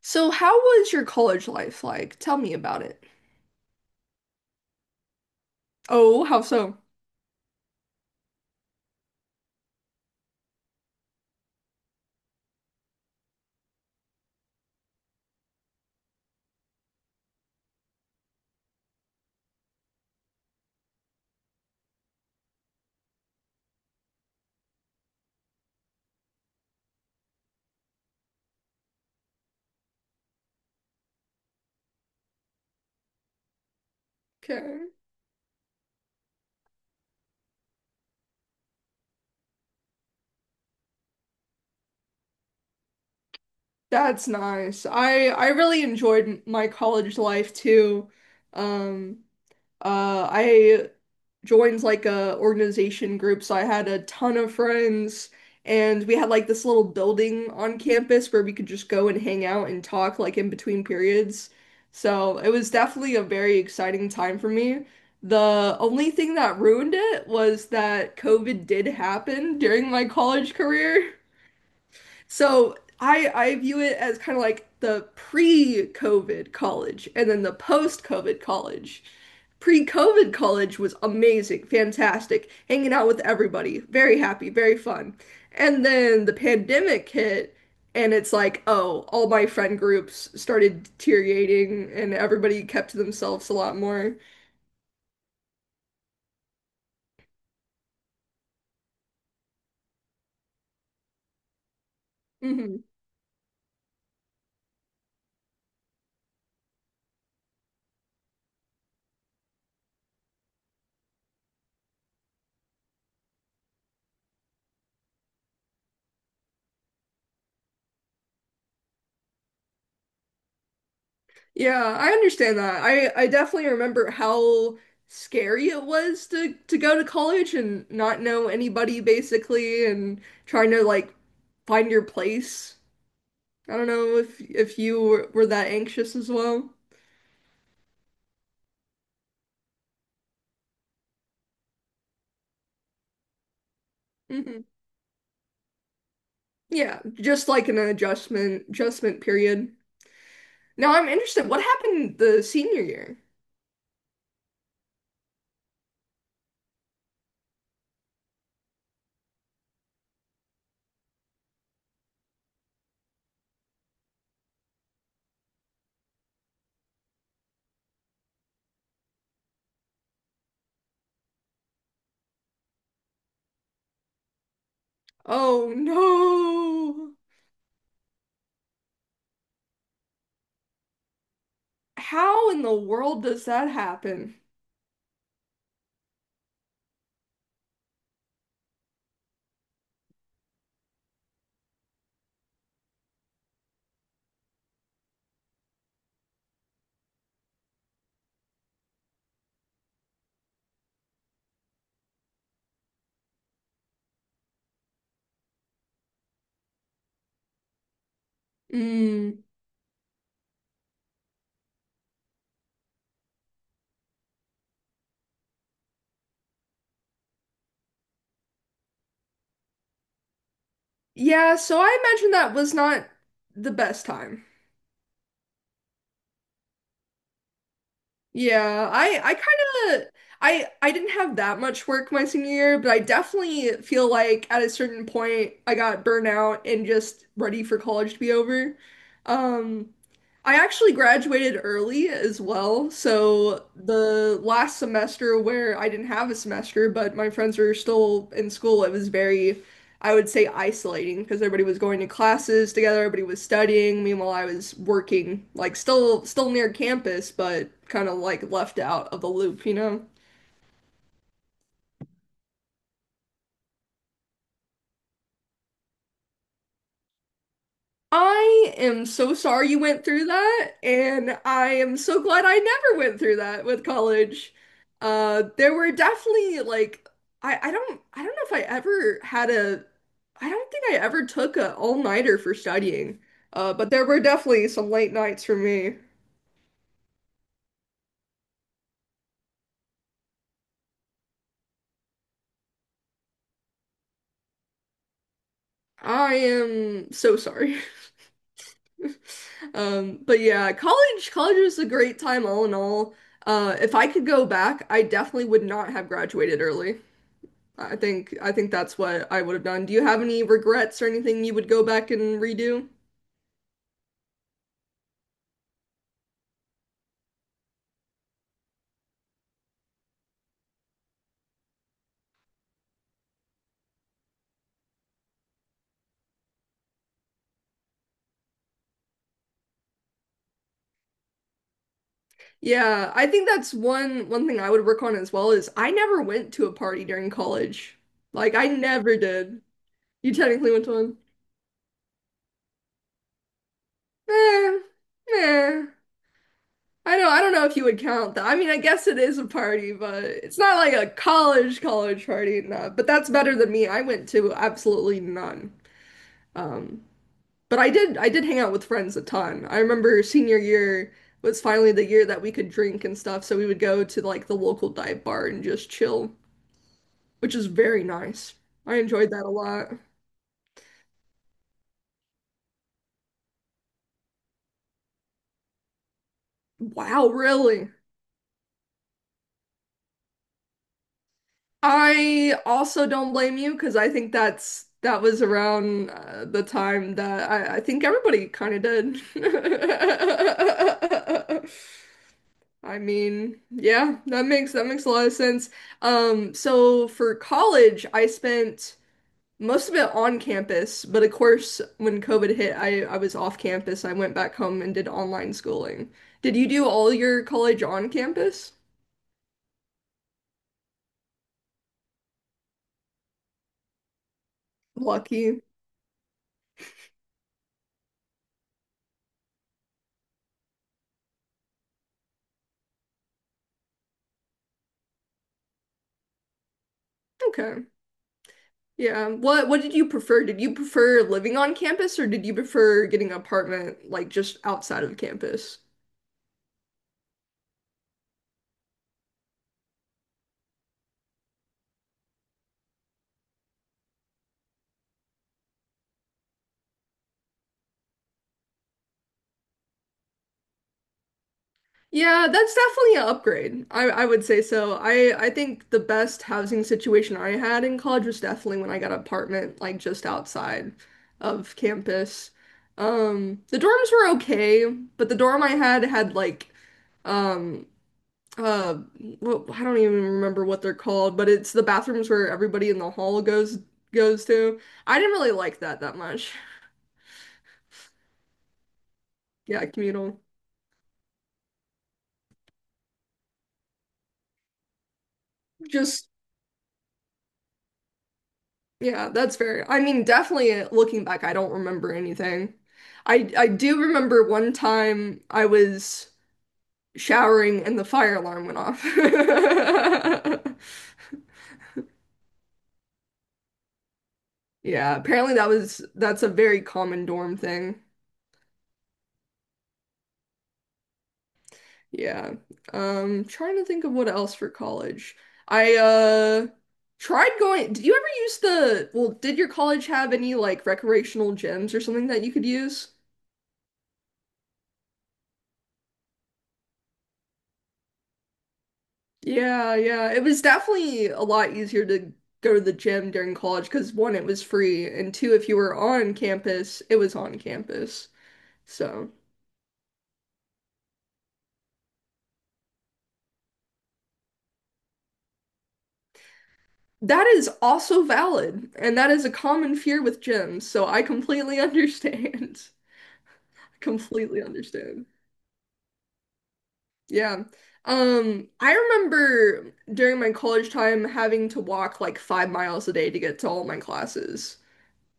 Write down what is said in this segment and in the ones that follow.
So, how was your college life like? Tell me about it. Oh, how so? Okay. That's nice. I really enjoyed my college life too. Um, I joined like a organization group, so I had a ton of friends, and we had like this little building on campus where we could just go and hang out and talk like in between periods. So it was definitely a very exciting time for me. The only thing that ruined it was that COVID did happen during my college career. So I view it as kind of like the pre-COVID college and then the post-COVID college. Pre-COVID college was amazing, fantastic, hanging out with everybody, very happy, very fun. And then the pandemic hit and it's like, oh, all my friend groups started deteriorating and everybody kept to themselves a lot more. Mhm. Yeah, I understand that. I definitely remember how scary it was to go to college and not know anybody basically and trying to like find your place. I don't know if you were that anxious as well. Hmm. Yeah, just like an adjustment period. Now I'm interested, what happened the senior year? Oh no. How in the world does that happen? Mm. Yeah, so I imagine that was not the best time. Yeah, I kind of I didn't have that much work my senior year, but I definitely feel like at a certain point I got burnt out and just ready for college to be over. Um, I actually graduated early as well, so the last semester where I didn't have a semester, but my friends were still in school, it was very, I would say, isolating because everybody was going to classes together, everybody was studying. Meanwhile, I was working, like still near campus, but kind of like left out of the loop, you know? I am so sorry you went through that, and I am so glad I never went through that with college. There were definitely like I don't know if I ever had a I don't think I ever took a all-nighter for studying. But there were definitely some late nights for me. I am so sorry. But yeah, college was a great time all in all. If I could go back, I definitely would not have graduated early. I think that's what I would have done. Do you have any regrets or anything you would go back and redo? Yeah, I think that's one thing I would work on as well is I never went to a party during college. Like I never did. You technically went to one? Eh, eh. I know I don't know if you would count that. I mean, I guess it is a party, but it's not like a college party, no. But that's better than me. I went to absolutely none. Um, but I did hang out with friends a ton. I remember senior year was finally the year that we could drink and stuff, so we would go to like the local dive bar and just chill, which is very nice. I enjoyed that a lot. Wow, really? I also don't blame you because I think that's that was around the time that I think everybody kind of did. I mean, yeah, that makes a lot of sense. So for college, I spent most of it on campus, but of course, when COVID hit, I was off campus. I went back home and did online schooling. Did you do all your college on campus? Lucky. Okay. Yeah. What did you prefer? Did you prefer living on campus or did you prefer getting an apartment like just outside of campus? Yeah, that's definitely an upgrade. I would say so. I think the best housing situation I had in college was definitely when I got an apartment like just outside of campus. The dorms were okay, but the dorm I had had like um uh well I don't even remember what they're called, but it's the bathrooms where everybody in the hall goes goes to. I didn't really like that much. Yeah, communal. Just yeah, that's fair. I mean, definitely looking back, I don't remember anything. I do remember one time I was showering and the fire alarm went off. Yeah, apparently that was that's a very common dorm thing. Yeah. Trying to think of what else for college. I tried going. Did you ever use the, well, did your college have any like recreational gyms or something that you could use? Yeah, yeah. It was definitely a lot easier to go to the gym during college because one, it was free, and two, if you were on campus, it was on campus. So that is also valid, and that is a common fear with gyms, so I completely understand. I completely understand. Yeah. I remember during my college time having to walk like 5 miles a day to get to all my classes.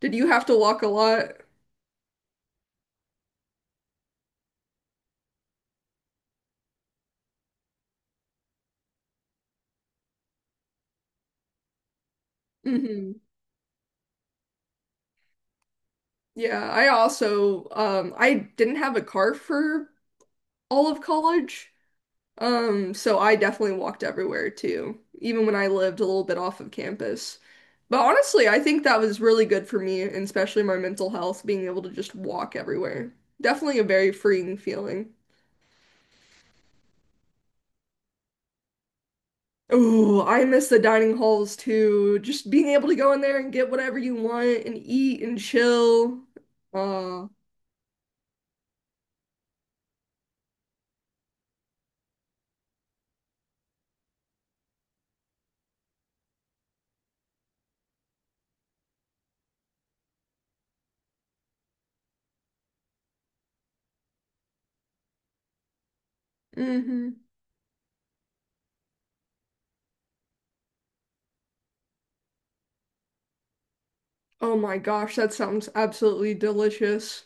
Did you have to walk a lot? Hmm. Yeah, I also I didn't have a car for all of college. So I definitely walked everywhere too, even when I lived a little bit off of campus. But honestly, I think that was really good for me, and especially my mental health, being able to just walk everywhere. Definitely a very freeing feeling. Ooh, I miss the dining halls too. Just being able to go in there and get whatever you want and eat and chill. Uh, hmm Oh my gosh, that sounds absolutely delicious.